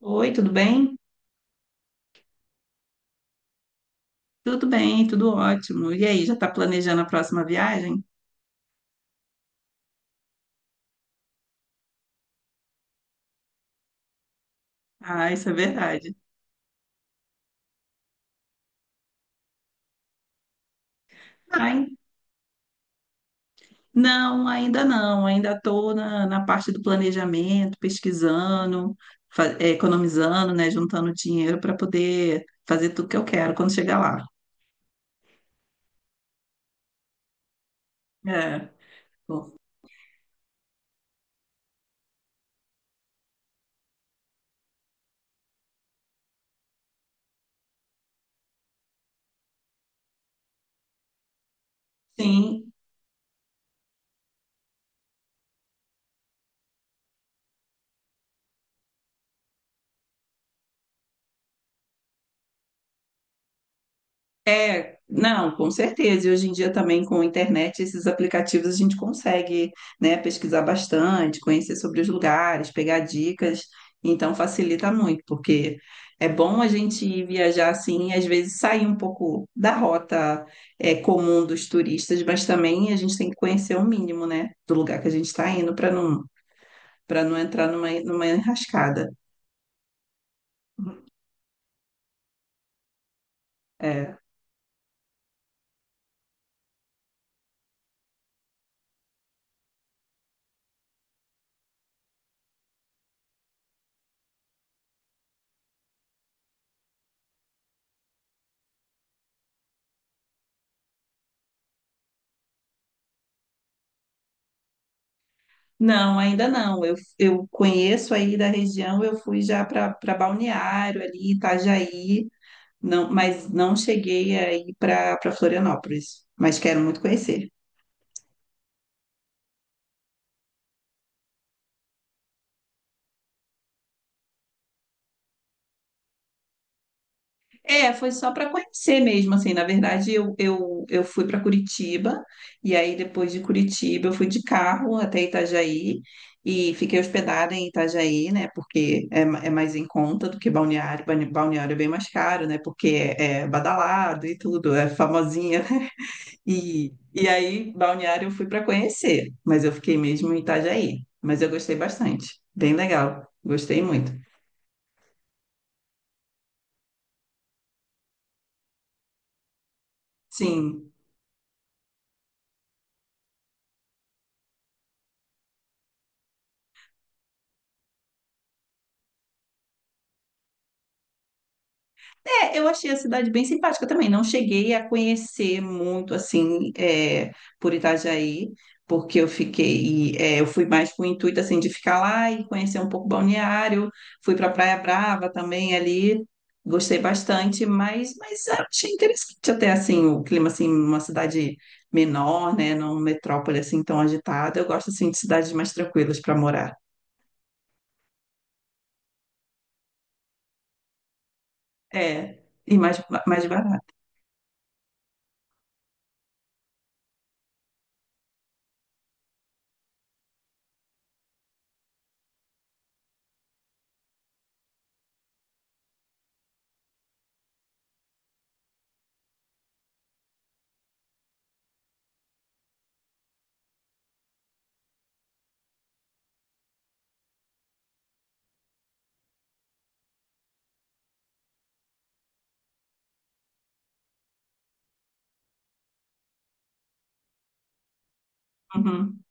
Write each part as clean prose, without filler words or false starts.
Oi, tudo bem? Tudo bem, tudo ótimo. E aí, já está planejando a próxima viagem? Ah, isso é verdade. Ai, não, ainda não. Ainda estou na parte do planejamento, pesquisando, economizando, né, juntando dinheiro para poder fazer tudo que eu quero quando chegar lá. É. Bom. Sim. É, não, com certeza. E hoje em dia também com a internet, esses aplicativos a gente consegue, né, pesquisar bastante, conhecer sobre os lugares, pegar dicas. Então facilita muito, porque é bom a gente ir viajar assim, e às vezes sair um pouco da rota, é, comum dos turistas, mas também a gente tem que conhecer o mínimo, né, do lugar que a gente está indo para não entrar numa enrascada. É. Não, ainda não. Eu conheço aí da região, eu fui já para Balneário ali, Itajaí, não, mas não cheguei aí para Florianópolis, mas quero muito conhecer. É, foi só para conhecer mesmo, assim, na verdade eu fui para Curitiba, e aí depois de Curitiba eu fui de carro até Itajaí, e fiquei hospedada em Itajaí, né, porque é, é mais em conta do que Balneário. Balneário é bem mais caro, né, porque é, é badalado e tudo, é famosinha. E aí, Balneário eu fui para conhecer, mas eu fiquei mesmo em Itajaí. Mas eu gostei bastante, bem legal, gostei muito. Sim. É, eu achei a cidade bem simpática também. Não cheguei a conhecer muito assim é, por Itajaí, porque eu fiquei, é, eu fui mais com o intuito assim de ficar lá e conhecer um pouco Balneário. Fui para Praia Brava também ali, gostei bastante, mas achei interessante até assim o clima assim, uma cidade menor, né, não metrópole assim tão agitada. Eu gosto assim de cidades mais tranquilas para morar. É, e mais mais barato. Uhum.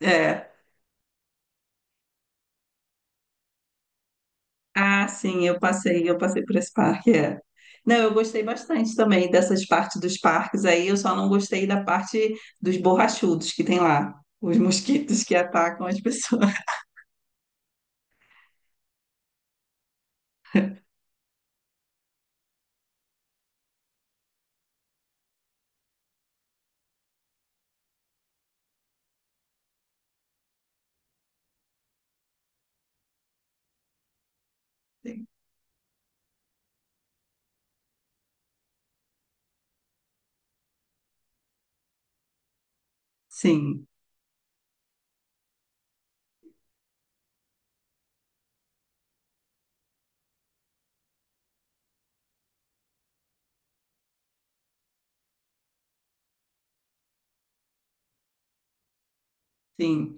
É. Ah, sim, eu passei por esse parque, é. Não, eu gostei bastante também dessas partes dos parques aí, eu só não gostei da parte dos borrachudos que tem lá, os mosquitos que atacam as pessoas. Sim, sim.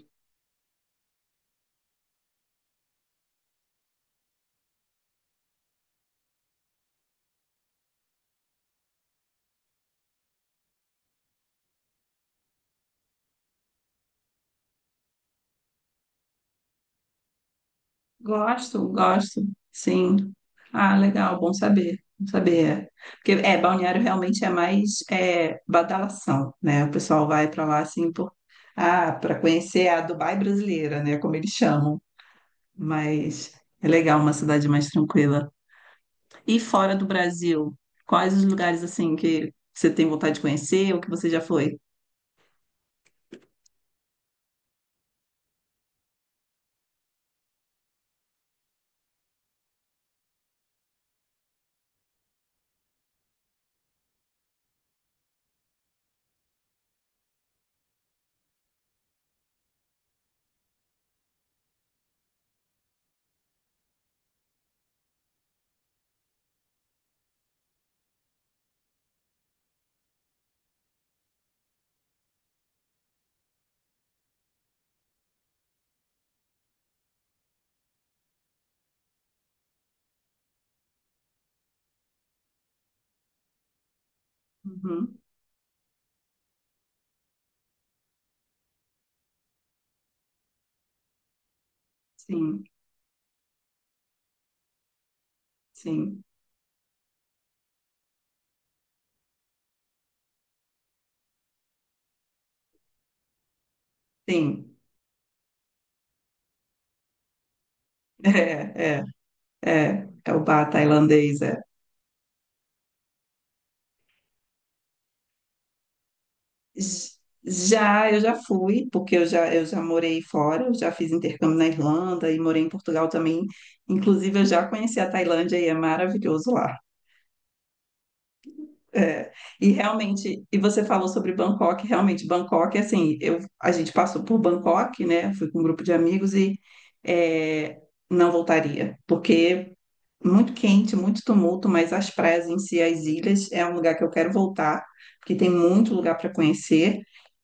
Gosto, gosto, sim. Ah, legal, bom saber, bom saber. É. Porque, é, balneário realmente é mais é, badalação, né? O pessoal vai para lá, assim, por... ah, para conhecer a Dubai brasileira, né? Como eles chamam. Mas é legal uma cidade mais tranquila. E fora do Brasil, quais os lugares assim que você tem vontade de conhecer ou que você já foi? Uhum. Sim, sim, sim. É, é, é, é o bar tailandês. É. J- Já, eu já fui, porque eu já morei fora, eu já fiz intercâmbio na Irlanda e morei em Portugal também. Inclusive, eu já conheci a Tailândia e é maravilhoso lá. É, e realmente, e você falou sobre Bangkok, realmente, Bangkok, assim, eu, a gente passou por Bangkok, né? Fui com um grupo de amigos e é, não voltaria, porque muito quente, muito tumulto, mas as praias em si, as ilhas, é um lugar que eu quero voltar, porque tem muito lugar para conhecer,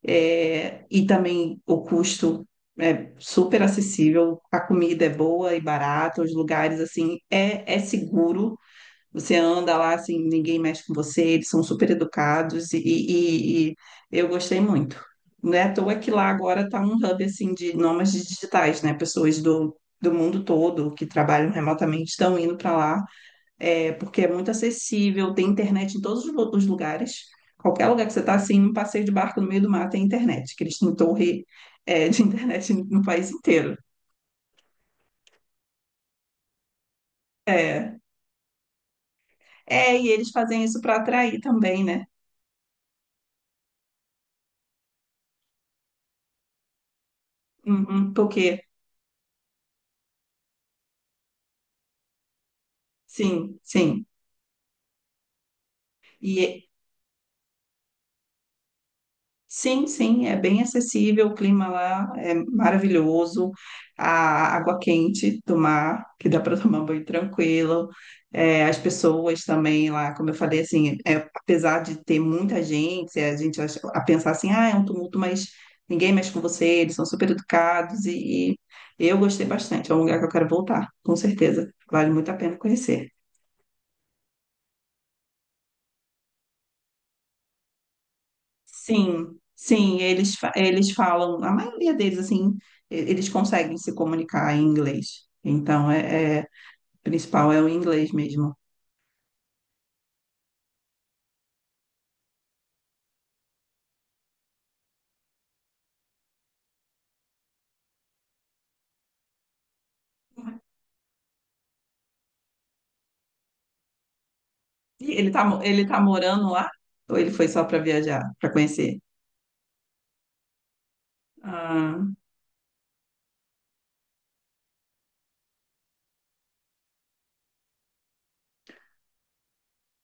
é, e também o custo é super acessível, a comida é boa e barata, os lugares, assim, é, é seguro, você anda lá assim, ninguém mexe com você, eles são super educados e eu gostei muito. Não é à toa que lá agora tá um hub assim de nômades digitais, né? Pessoas do mundo todo que trabalham remotamente estão indo para lá, é, porque é muito acessível, tem internet em todos os lugares. Qualquer lugar que você está assim, um passeio de barco no meio do mar tem internet, que eles têm torre, é, de internet no país inteiro. É, e eles fazem isso para atrair também, né? Uhum, porque sim, sim. E é- sim, sim, é bem acessível, o clima lá é maravilhoso, a água quente do mar, que dá para tomar banho tranquilo. É, as pessoas também lá, como eu falei, assim, é, apesar de ter muita gente, a gente acha- a pensar assim, ah, é um tumulto, mas ninguém mexe com você, eles são super educados e eu gostei bastante. É um lugar que eu quero voltar, com certeza. Vale muito a pena conhecer. Sim, sim, eles, eles falam, a maioria deles, assim, eles conseguem se comunicar em inglês. Então, o principal é o inglês mesmo. E ele tá, ele tá morando lá? Ou ele foi só para viajar, para conhecer? Ah,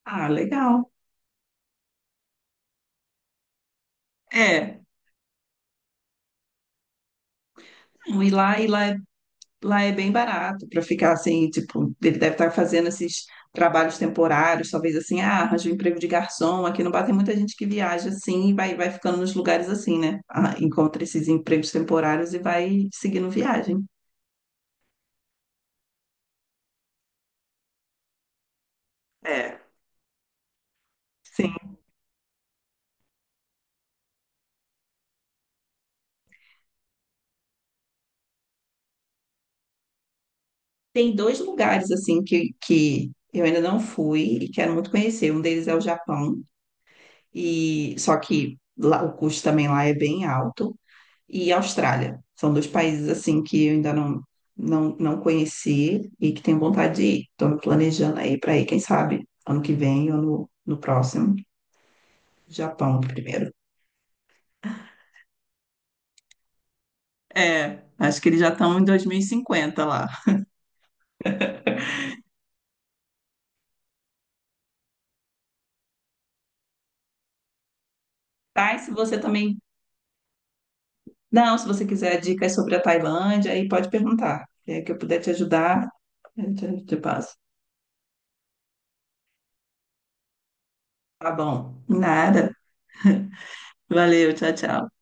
ah, legal. É, e lá, e lá Lá é bem barato para ficar assim, tipo, ele deve estar fazendo esses trabalhos temporários, talvez assim, ah, arranja um emprego de garçom. Aqui no Bar tem muita gente que viaja assim e vai, vai ficando nos lugares assim, né? Ah, encontra esses empregos temporários e vai seguindo viagem. É. Sim. Tem dois lugares assim que eu ainda não fui e quero muito conhecer. Um deles é o Japão, e só que lá, o custo também lá é bem alto. E Austrália. São dois países assim que eu ainda não, não conheci e que tenho vontade de ir. Estou me planejando aí para ir, quem sabe, ano que vem ou no próximo, Japão primeiro. É, acho que eles já estão em 2050 lá. Tá, e se você também. Não, se você quiser dicas sobre a Tailândia, aí pode perguntar. Se é que eu puder te ajudar, te passo. Tá bom. Nada. Valeu, tchau, tchau.